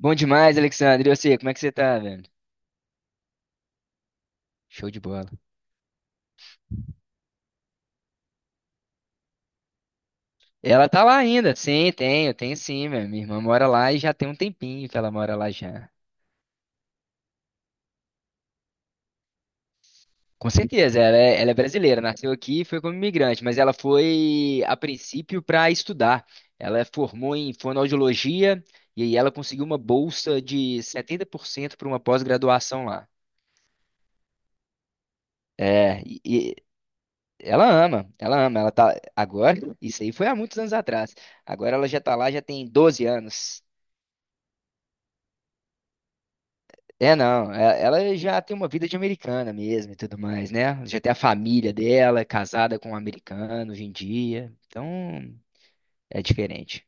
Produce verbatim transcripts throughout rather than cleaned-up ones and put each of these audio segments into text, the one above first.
Bom demais, Alexandre. E você, como é que você tá, velho? Show de bola. Ela tá lá ainda? Sim, tenho, tenho sim, velho. Minha irmã mora lá e já tem um tempinho que ela mora lá já. Com certeza, ela é, ela é brasileira, nasceu aqui e foi como imigrante, mas ela foi a princípio para estudar. Ela formou em fonoaudiologia e aí ela conseguiu uma bolsa de setenta por cento para uma pós-graduação lá. É, e, e ela ama, ela ama, ela tá agora, isso aí foi há muitos anos atrás. Agora ela já tá lá, já tem doze anos. É, não, e- ela já tem uma vida de americana mesmo e tudo mais, né? Já tem a família dela, é casada com um americano hoje em dia, então é diferente.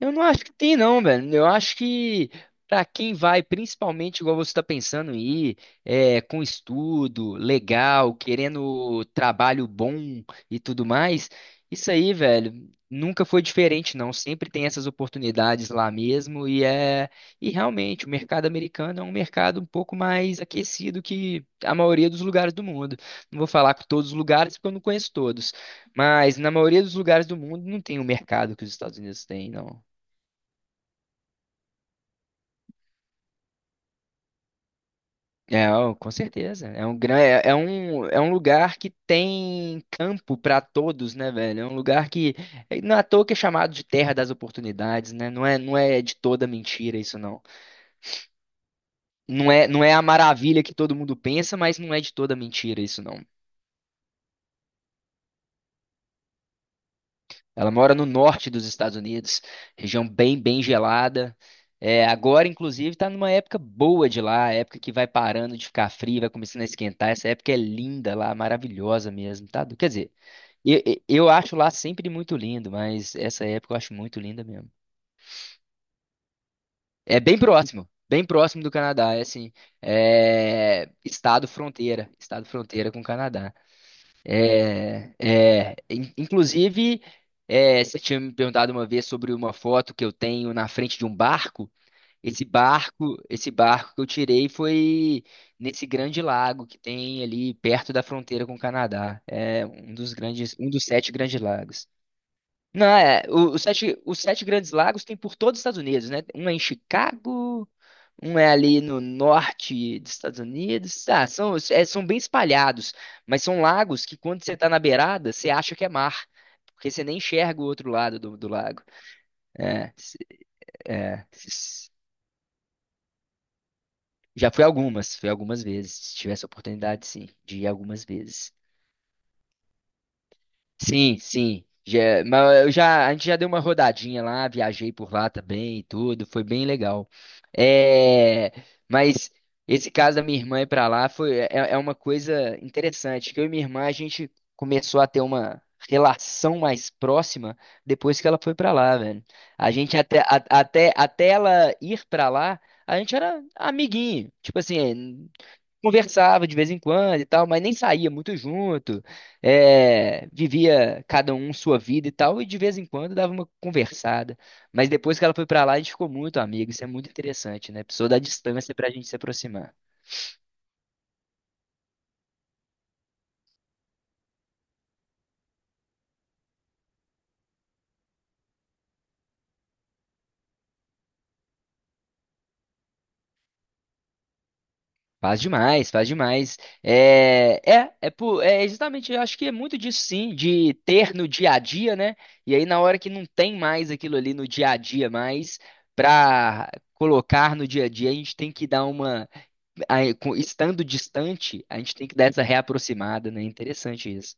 Eu não acho que tem, não, velho. Eu acho que pra quem vai, principalmente igual você tá pensando em ir, é, com estudo, legal, querendo trabalho bom e tudo mais, isso aí, velho, nunca foi diferente, não. Sempre tem essas oportunidades lá mesmo e é e realmente o mercado americano é um mercado um pouco mais aquecido que a maioria dos lugares do mundo. Não vou falar que todos os lugares porque eu não conheço todos, mas na maioria dos lugares do mundo não tem o mercado que os Estados Unidos têm, não. É, ó, com certeza. É um, gran- é é um, é um lugar que tem campo para todos, né, velho? É um lugar que é, não é à toa que é chamado de terra das oportunidades, né? Não é, não é de toda mentira isso, não. Não é, não é a maravilha que todo mundo pensa, mas não é de toda mentira isso. Ela mora no norte dos Estados Unidos, região bem, bem gelada. É, agora, inclusive, está numa época boa de lá, época que vai parando de ficar frio, vai começando a esquentar. Essa época é linda lá, maravilhosa mesmo, tá? Quer dizer, eu, eu eu acho lá sempre muito lindo, mas essa época eu acho muito linda mesmo. É bem próximo, bem próximo do Canadá, é assim, é estado fronteira, estado fronteira com o Canadá. É, in- inclusive, é, você tinha me perguntado uma vez sobre uma foto que eu tenho na frente de um barco. Esse barco, esse barco que eu tirei foi nesse grande lago que tem ali perto da fronteira com o Canadá. É um dos grandes, um dos sete grandes lagos. Não, é. o- Os sete, os sete grandes lagos tem por todos os Estados Unidos, né? Um é em Chicago, um é ali no norte dos Estados Unidos. Ah, são, é, são bem espalhados, mas são lagos que quando você tá na beirada, você acha que é mar, porque você nem enxerga o outro lado do, do lago. É, se- é, se- Já fui algumas, fui algumas vezes. Se tivesse essa oportunidade, sim, de ir algumas vezes. Sim, sim. Já, mas eu já, a gente já deu uma rodadinha lá, viajei por lá também e tudo, foi bem legal. É, mas esse caso da minha irmã ir pra lá foi, é, é é uma coisa interessante, que eu e minha irmã, a gente começou a ter uma relação mais próxima depois que ela foi pra lá, velho. A gente até, a- até, até ela ir pra lá, a gente era amiguinho, tipo assim, conversava de vez em quando e tal, mas nem saía muito junto. É, vivia cada um sua vida e tal, e de vez em quando dava uma conversada. Mas depois que ela foi pra lá, a gente ficou muito amigo. Isso é muito interessante, né? Pessoa da distância pra gente se aproximar. Faz demais, faz demais. É, é, é, por, é justamente, eu acho que é muito disso sim, de ter no dia a dia, né? E aí na hora que não tem mais aquilo ali no dia a dia mais, pra colocar no dia a dia, a gente tem que dar uma, aí, com- estando distante, a gente tem que dar essa reaproximada, né? Interessante isso.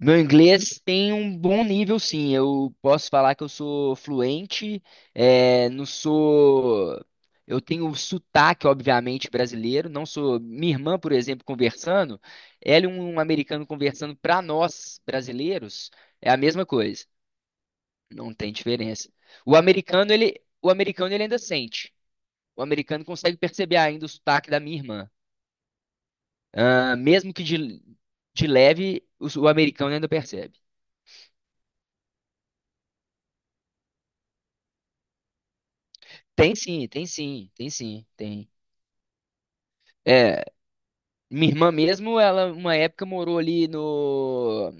Meu inglês tem um bom nível, sim. Eu posso falar que eu sou fluente, é, não sou. Eu tenho sotaque, obviamente, brasileiro. Não sou. Minha irmã, por exemplo, conversando, ela e um americano conversando para nós, brasileiros, é a mesma coisa. Não tem diferença. O americano, ele, o americano, ele ainda sente. O americano consegue perceber ainda o sotaque da minha irmã. Ah, mesmo que de, de leve, o o americano ainda percebe. Tem sim, tem sim, tem sim, tem. É, minha irmã mesmo, ela uma época morou ali no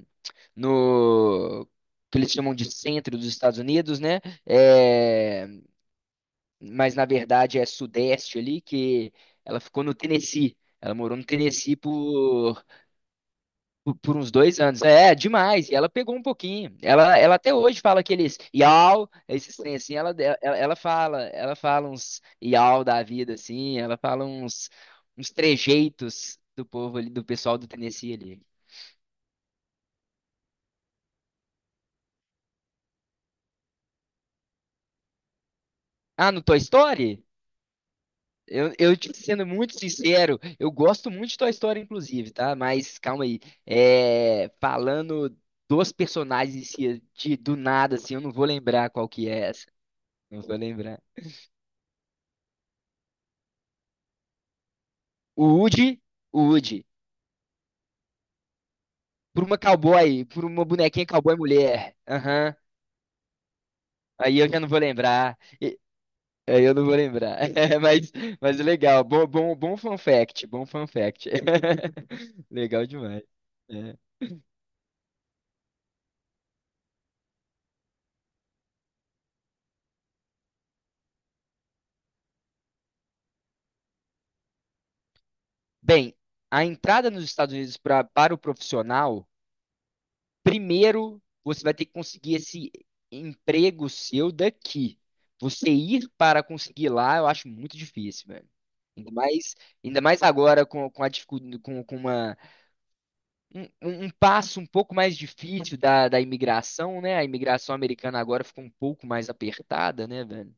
no que eles chamam de centro dos Estados Unidos, né? É, mas na verdade é sudeste ali que ela ficou no Tennessee. Ela morou no Tennessee por Por, por uns dois anos. É, demais. E ela pegou um pouquinho. Ela, ela até hoje fala aqueles iau, esses trem assim, ela, ela, ela fala, ela fala uns iau da vida, assim, ela fala uns, uns trejeitos do povo ali, do pessoal do Tennessee ali. Ah, no Toy Story? Eu, eu te sendo muito sincero, eu gosto muito de Toy Story, inclusive, tá? Mas calma aí. É, falando dos personagens em si, de, do nada, assim, eu não vou lembrar qual que é essa. Não vou lembrar. O Woody, o Woody, por uma cowboy, por uma bonequinha cowboy mulher. Aham. Aí eu já não vou lembrar. E- Aí eu não vou lembrar. Mas, mas legal. Bom, bom, bom fun fact. Bom fun fact. Legal demais. É. Bem, a entrada nos Estados Unidos pra, para o profissional. Primeiro, você vai ter que conseguir esse emprego seu daqui. Você ir para conseguir lá, eu acho muito difícil, velho. Ainda mais, ainda mais agora com, com a dificuldade, com, com uma, um, um- um passo um pouco mais difícil da, da imigração, né? A imigração americana agora ficou um pouco mais apertada, né, velho?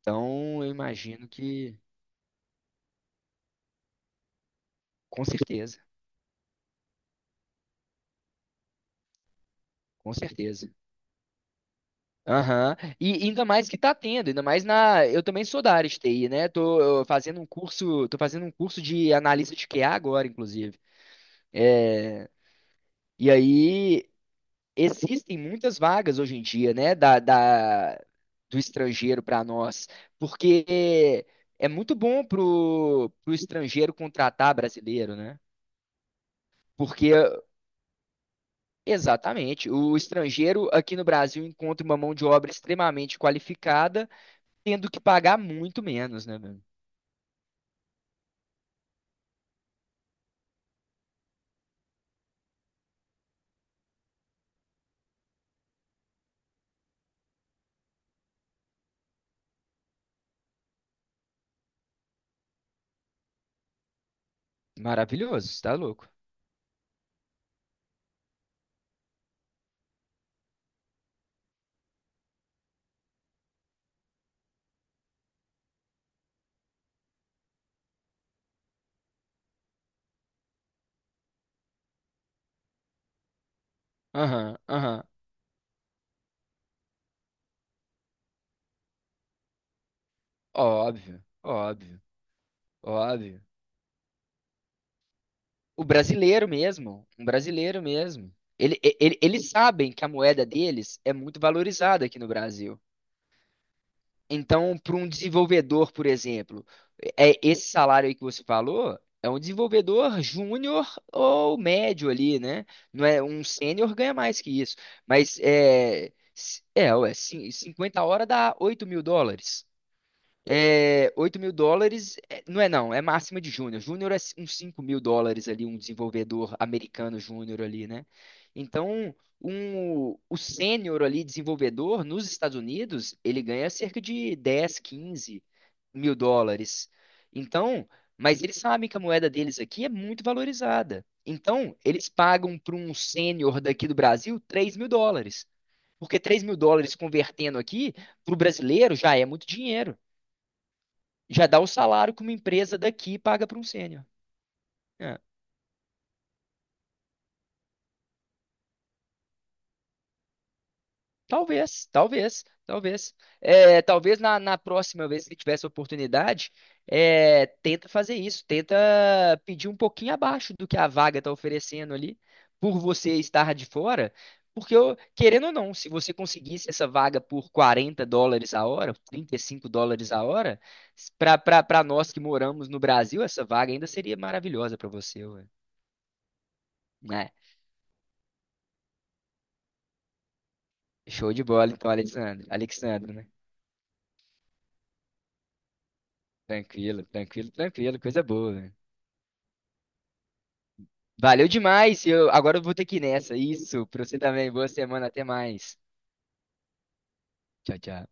Então, eu imagino que, com certeza, com certeza. Aham. E ainda mais que tá tendo, ainda mais na. Eu também sou da área de T I, né? Tô eh, fazendo um curso, tô fazendo um curso de analista de Q A agora, inclusive. E aí existem muitas vagas hoje em dia, né? Da, da- do estrangeiro para nós, porque é muito bom pro pro estrangeiro contratar brasileiro, né? Porque exatamente, o estrangeiro aqui no Brasil encontra uma mão de obra extremamente qualificada, tendo que pagar muito menos, né? Maravilhoso, você tá louco. Aham, aham. Óbvio, óbvio, óbvio. O brasileiro mesmo, um brasileiro mesmo. Ele, ele- eles sabem que a moeda deles é muito valorizada aqui no Brasil. Então, para um desenvolvedor, por exemplo, é esse salário aí que você falou é um desenvolvedor júnior ou médio ali, né? Não é um sênior ganha mais que isso. Mas é, é, ué, cin- cinquenta horas dá oito mil dólares. É, oito mil dólares, é, não é não, é máxima de júnior. Júnior é uns cinco mil dólares ali, um desenvolvedor americano júnior ali, né? Então, um, o sênior ali, desenvolvedor, nos Estados Unidos, ele ganha cerca de dez, quinze mil dólares. Então, mas eles sabem que a moeda deles aqui é muito valorizada. Então, eles pagam para um sênior daqui do Brasil três mil dólares. Porque três mil dólares convertendo aqui, para o brasileiro, já é muito dinheiro. Já dá o salário que uma empresa daqui paga para um sênior. É, talvez, talvez, talvez. É, talvez na, na próxima vez que ele tivesse oportunidade, é, tenta fazer isso, tenta pedir um pouquinho abaixo do que a vaga está oferecendo ali, por você estar de fora. Porque, eu- querendo ou não, se você conseguisse essa vaga por quarenta dólares a hora, trinta e cinco dólares a hora, para nós que moramos no Brasil, essa vaga ainda seria maravilhosa para você, ué. Né? Show de bola, então, Alexandre. Alexandre, né? Tranquilo, tranquilo, tranquilo. Coisa boa, velho. Valeu demais. Eu, agora eu vou ter que ir nessa. Isso, pra você também. Boa semana, até mais. Tchau, tchau.